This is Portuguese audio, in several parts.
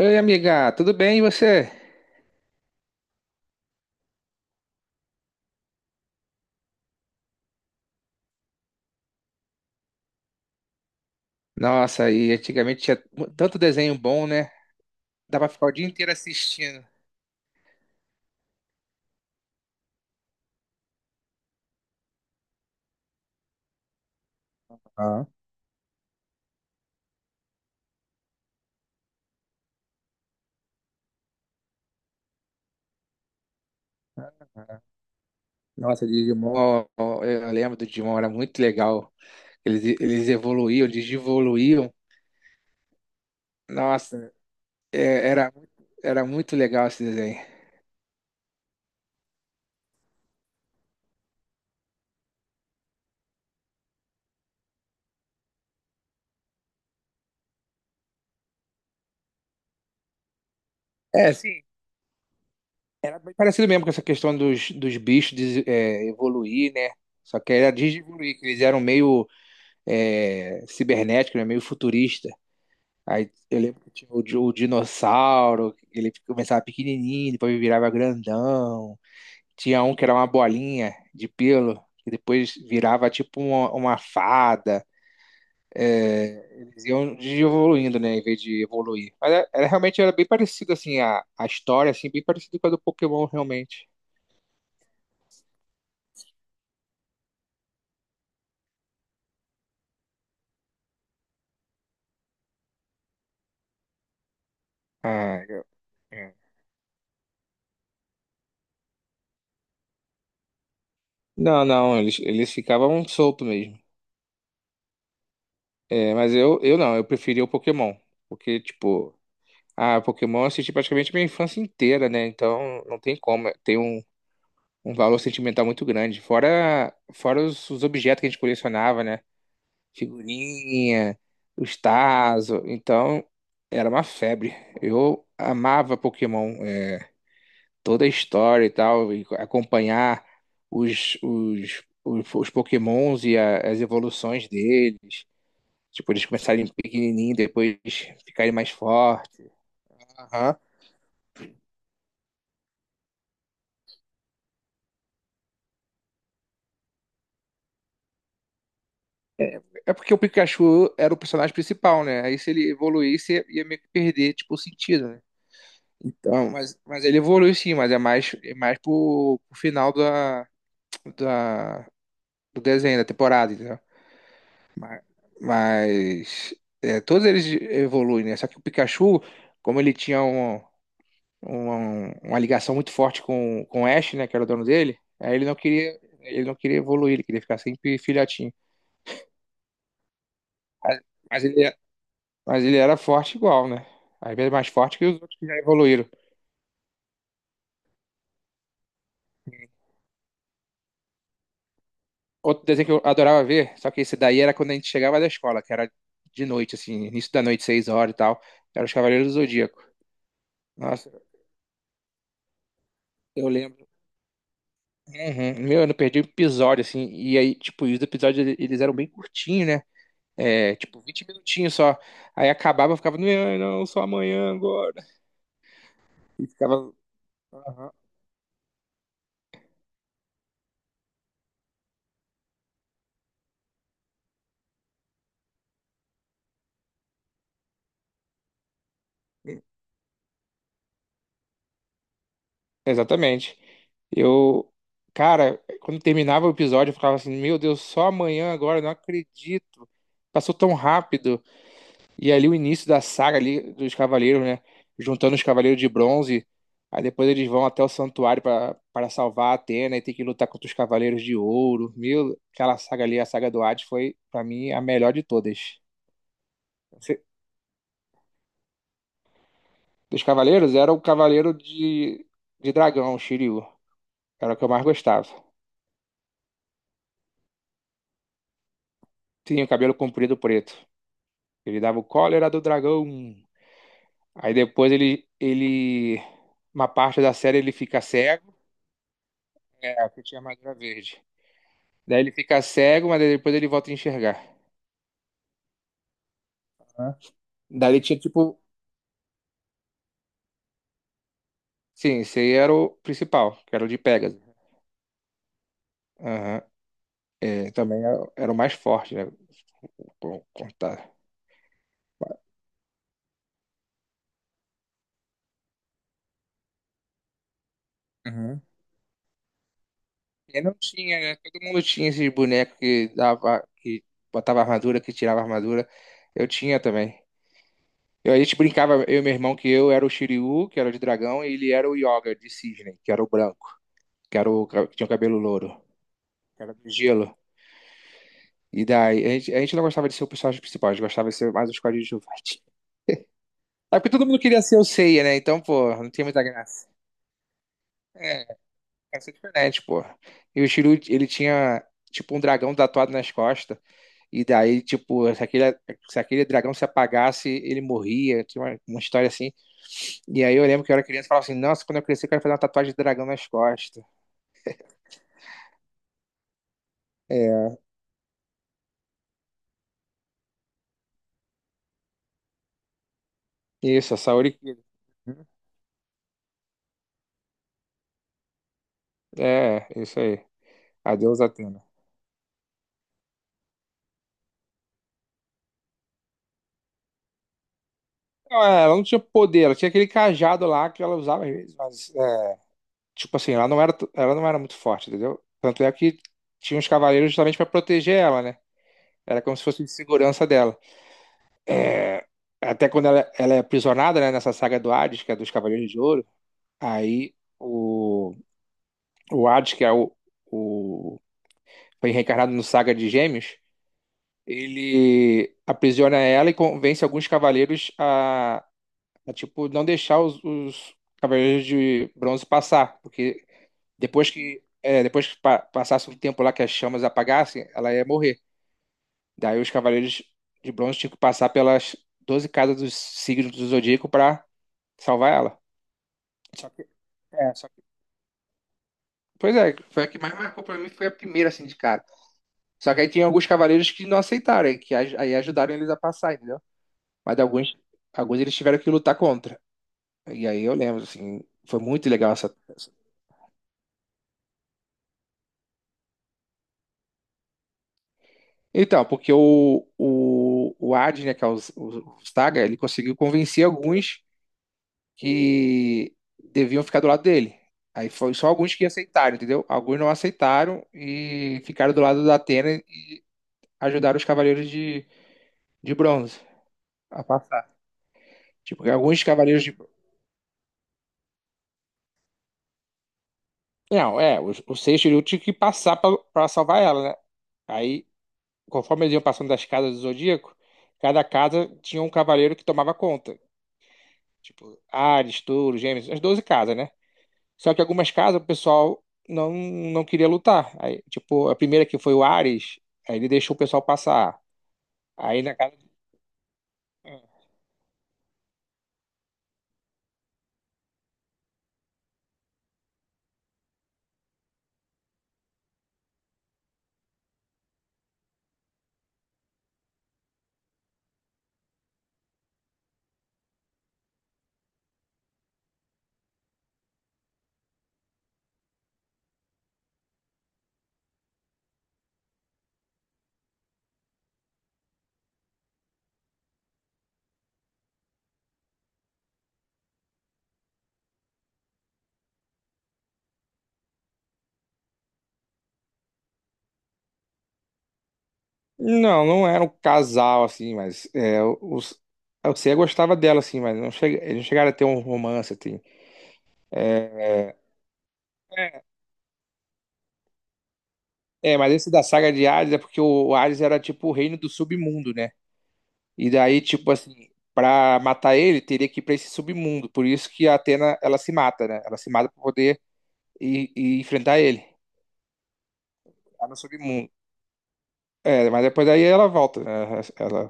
Oi, amiga, tudo bem e você? Nossa, e antigamente tinha tanto desenho bom, né? Dava pra ficar o dia inteiro assistindo. Ah, nossa, Digimon, ó, eu lembro do Digimon, era muito legal. Eles evoluíam, eles evoluíam. Nossa, é, era, era muito legal esse desenho. É, sim, era bem parecido mesmo com essa questão dos bichos evoluir, né? Só que era digievoluir, que eles eram meio cibernéticos, né? Meio futurista. Aí eu lembro que tinha o dinossauro, que ele começava pequenininho, depois virava grandão. Tinha um que era uma bolinha de pelo, que depois virava tipo uma fada. Eles iam evoluindo, né, em vez de evoluir. Mas realmente era bem parecido, assim, a história, assim, bem parecida com a do Pokémon, realmente. Ah, eu- É. Não, não, eles ficavam soltos mesmo. É, mas eu não, eu preferia o Pokémon. Porque, tipo, ah, Pokémon eu assisti praticamente minha infância inteira, né? Então não tem como. Tem um valor sentimental muito grande. Fora os objetos que a gente colecionava, né? Figurinha, os Tazo. Então era uma febre. Eu amava Pokémon. Toda a história e tal. E acompanhar os Pokémons e as evoluções deles. Tipo, eles começarem pequenininho, depois ficarem mais fortes. Aham. É porque o Pikachu era o personagem principal, né? Aí se ele evoluísse, ia meio que perder, tipo, o sentido, né? Então, mas ele evoluiu sim, mas é mais pro final da, do desenho, da temporada, entendeu? Mas é, todos eles evoluem, né? Só que o Pikachu, como ele tinha uma ligação muito forte com o Ash, né? Que era o dono dele, aí ele não queria evoluir, ele queria ficar sempre filhotinho. Mas, mas ele, Mas ele era forte igual, né? Às vezes mais forte que os outros que já evoluíram. Outro desenho que eu adorava ver, só que esse daí era quando a gente chegava da escola, que era de noite, assim, início da noite, 6 horas e tal. Era os Cavaleiros do Zodíaco. Nossa, eu lembro. Uhum. Meu, eu não perdi um episódio, assim. E aí, tipo, os eles eram bem curtinhos, né? É, tipo, 20 minutinhos só. Aí acabava, eu ficava, não, não, só amanhã agora. E ficava. Aham. Exatamente. Eu, cara, quando terminava o episódio, eu ficava assim, meu Deus, só amanhã agora, não acredito. Passou tão rápido. E ali o início da saga ali dos cavaleiros, né? Juntando os cavaleiros de bronze. Aí depois eles vão até o santuário para para salvar a Atena e tem que lutar contra os cavaleiros de ouro. Meu, aquela saga ali, a saga do Hades, foi para mim a melhor de todas. Você- Dos cavaleiros era o cavaleiro de dragão, o Shiryu. Era o que eu mais gostava. Tinha o cabelo comprido preto. Ele dava o cólera do dragão. Aí depois uma parte da série ele fica cego, aqui tinha armadura verde. Daí ele fica cego, mas depois ele volta a enxergar. Né? Daí ele tinha tipo, sim, esse aí era o principal, que era o de Pegasus. Aham. É, também era, era o mais forte, né? Contar. Uhum. E não tinha, né? Todo mundo tinha esses bonecos que dava, que botava armadura, que tirava armadura. Eu tinha também. A gente brincava, eu e meu irmão, que eu era o Shiryu, que era de dragão, e ele era o Yoga de cisne, que era o branco, que era o que tinha o cabelo louro, que era do gelo. E daí, a gente não gostava de ser o personagem principal, a gente gostava de ser mais os coadjuvantes. É porque todo mundo queria ser o Seiya, né? Então, pô, não tinha muita graça. É, essa é diferente, pô. E o Shiryu, ele tinha, tipo, um dragão tatuado nas costas. E daí, tipo, se aquele dragão se apagasse, ele morria. Tinha uma história assim. E aí eu lembro que eu era criança e falava assim, nossa, quando eu crescer eu quero fazer uma tatuagem de dragão nas costas. É, isso, a Saori Kido. É, isso aí. Adeus, Atena. Não, é, ela não tinha poder, ela tinha aquele cajado lá que ela usava às vezes, mas, é, tipo assim, ela não era muito forte, entendeu? Tanto é que tinha os cavaleiros justamente pra proteger ela, né? Era como se fosse de segurança dela. É, até quando ela é aprisionada, né, nessa saga do Hades, que é dos Cavaleiros de Ouro, aí o, o Hades, que é o, foi reencarnado no Saga de Gêmeos, ele aprisiona ela e convence alguns cavaleiros tipo, não deixar os cavaleiros de bronze passar, porque depois que passasse um tempo lá que as chamas apagassem, ela ia morrer. Daí os cavaleiros de bronze tinham que passar pelas 12 casas dos signos do zodíaco para salvar ela. Só que, é, só que- Pois é, foi a que mais marcou pra mim, foi a primeira, assim, de cara. Só que aí tinha alguns cavaleiros que não aceitaram, aí ajudaram eles a passar, entendeu? Mas alguns, alguns eles tiveram que lutar contra. E aí eu lembro, assim, foi muito legal essa. Então, porque o Adi, né, que é o Staga, ele conseguiu convencer alguns que deviam ficar do lado dele. Aí foi só alguns que aceitaram, entendeu? Alguns não aceitaram e ficaram do lado da Atena ajudaram os cavaleiros de bronze a passar. Tipo, porque alguns cavaleiros de. Não, é, os seis Seixiryu tinha que passar pra salvar ela, né? Aí, conforme eles iam passando das casas do Zodíaco, cada casa tinha um cavaleiro que tomava conta. Tipo, Ares, Touro, Gêmeos, as 12 casas, né? Só que algumas casas o pessoal não, não queria lutar. Aí, tipo, a primeira que foi o Ares, aí ele deixou o pessoal passar. Aí na casa. Não, não era um casal, assim, mas é, os, eu sei, gostava dela, assim, mas não chega, eles não chegaram a ter um romance, assim. É, é, é, mas esse da saga de Hades é porque o Hades era, tipo, o reino do submundo, né? E daí, tipo, assim, pra matar ele, teria que ir pra esse submundo. Por isso que a Atena, ela se mata, né? Ela se mata pra poder ir enfrentar ele lá no submundo. É, mas depois daí ela volta, né? Ela...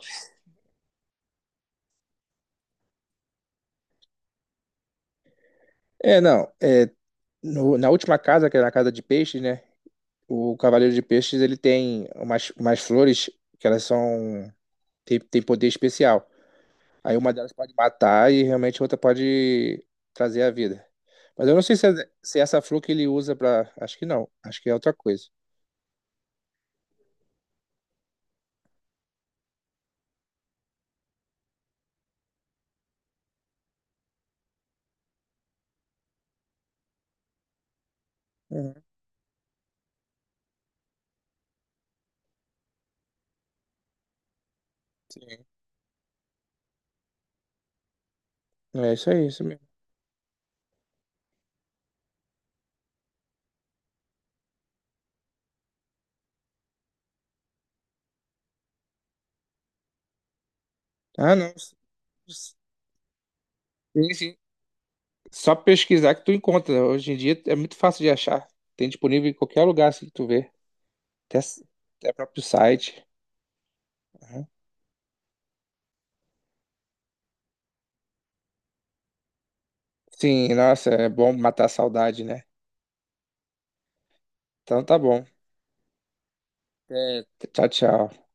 É, não, é, na última casa, que era a casa de peixe, né? O Cavaleiro de Peixes, ele tem umas flores que elas são... tem poder especial. Aí uma delas pode matar e realmente a outra pode trazer a vida. Mas eu não sei se, é, se é essa flor que ele usa pra... Acho que não. Acho que é outra coisa. Uhum, sim. É isso aí, isso mesmo. Ah, não. Sim, sim. Só pesquisar que tu encontra. Hoje em dia é muito fácil de achar. Tem disponível em qualquer lugar, assim, que tu vê. Até, até próprio site. Uhum. Sim, nossa, é bom matar a saudade, né? Então tá bom. Até. Tchau, tchau.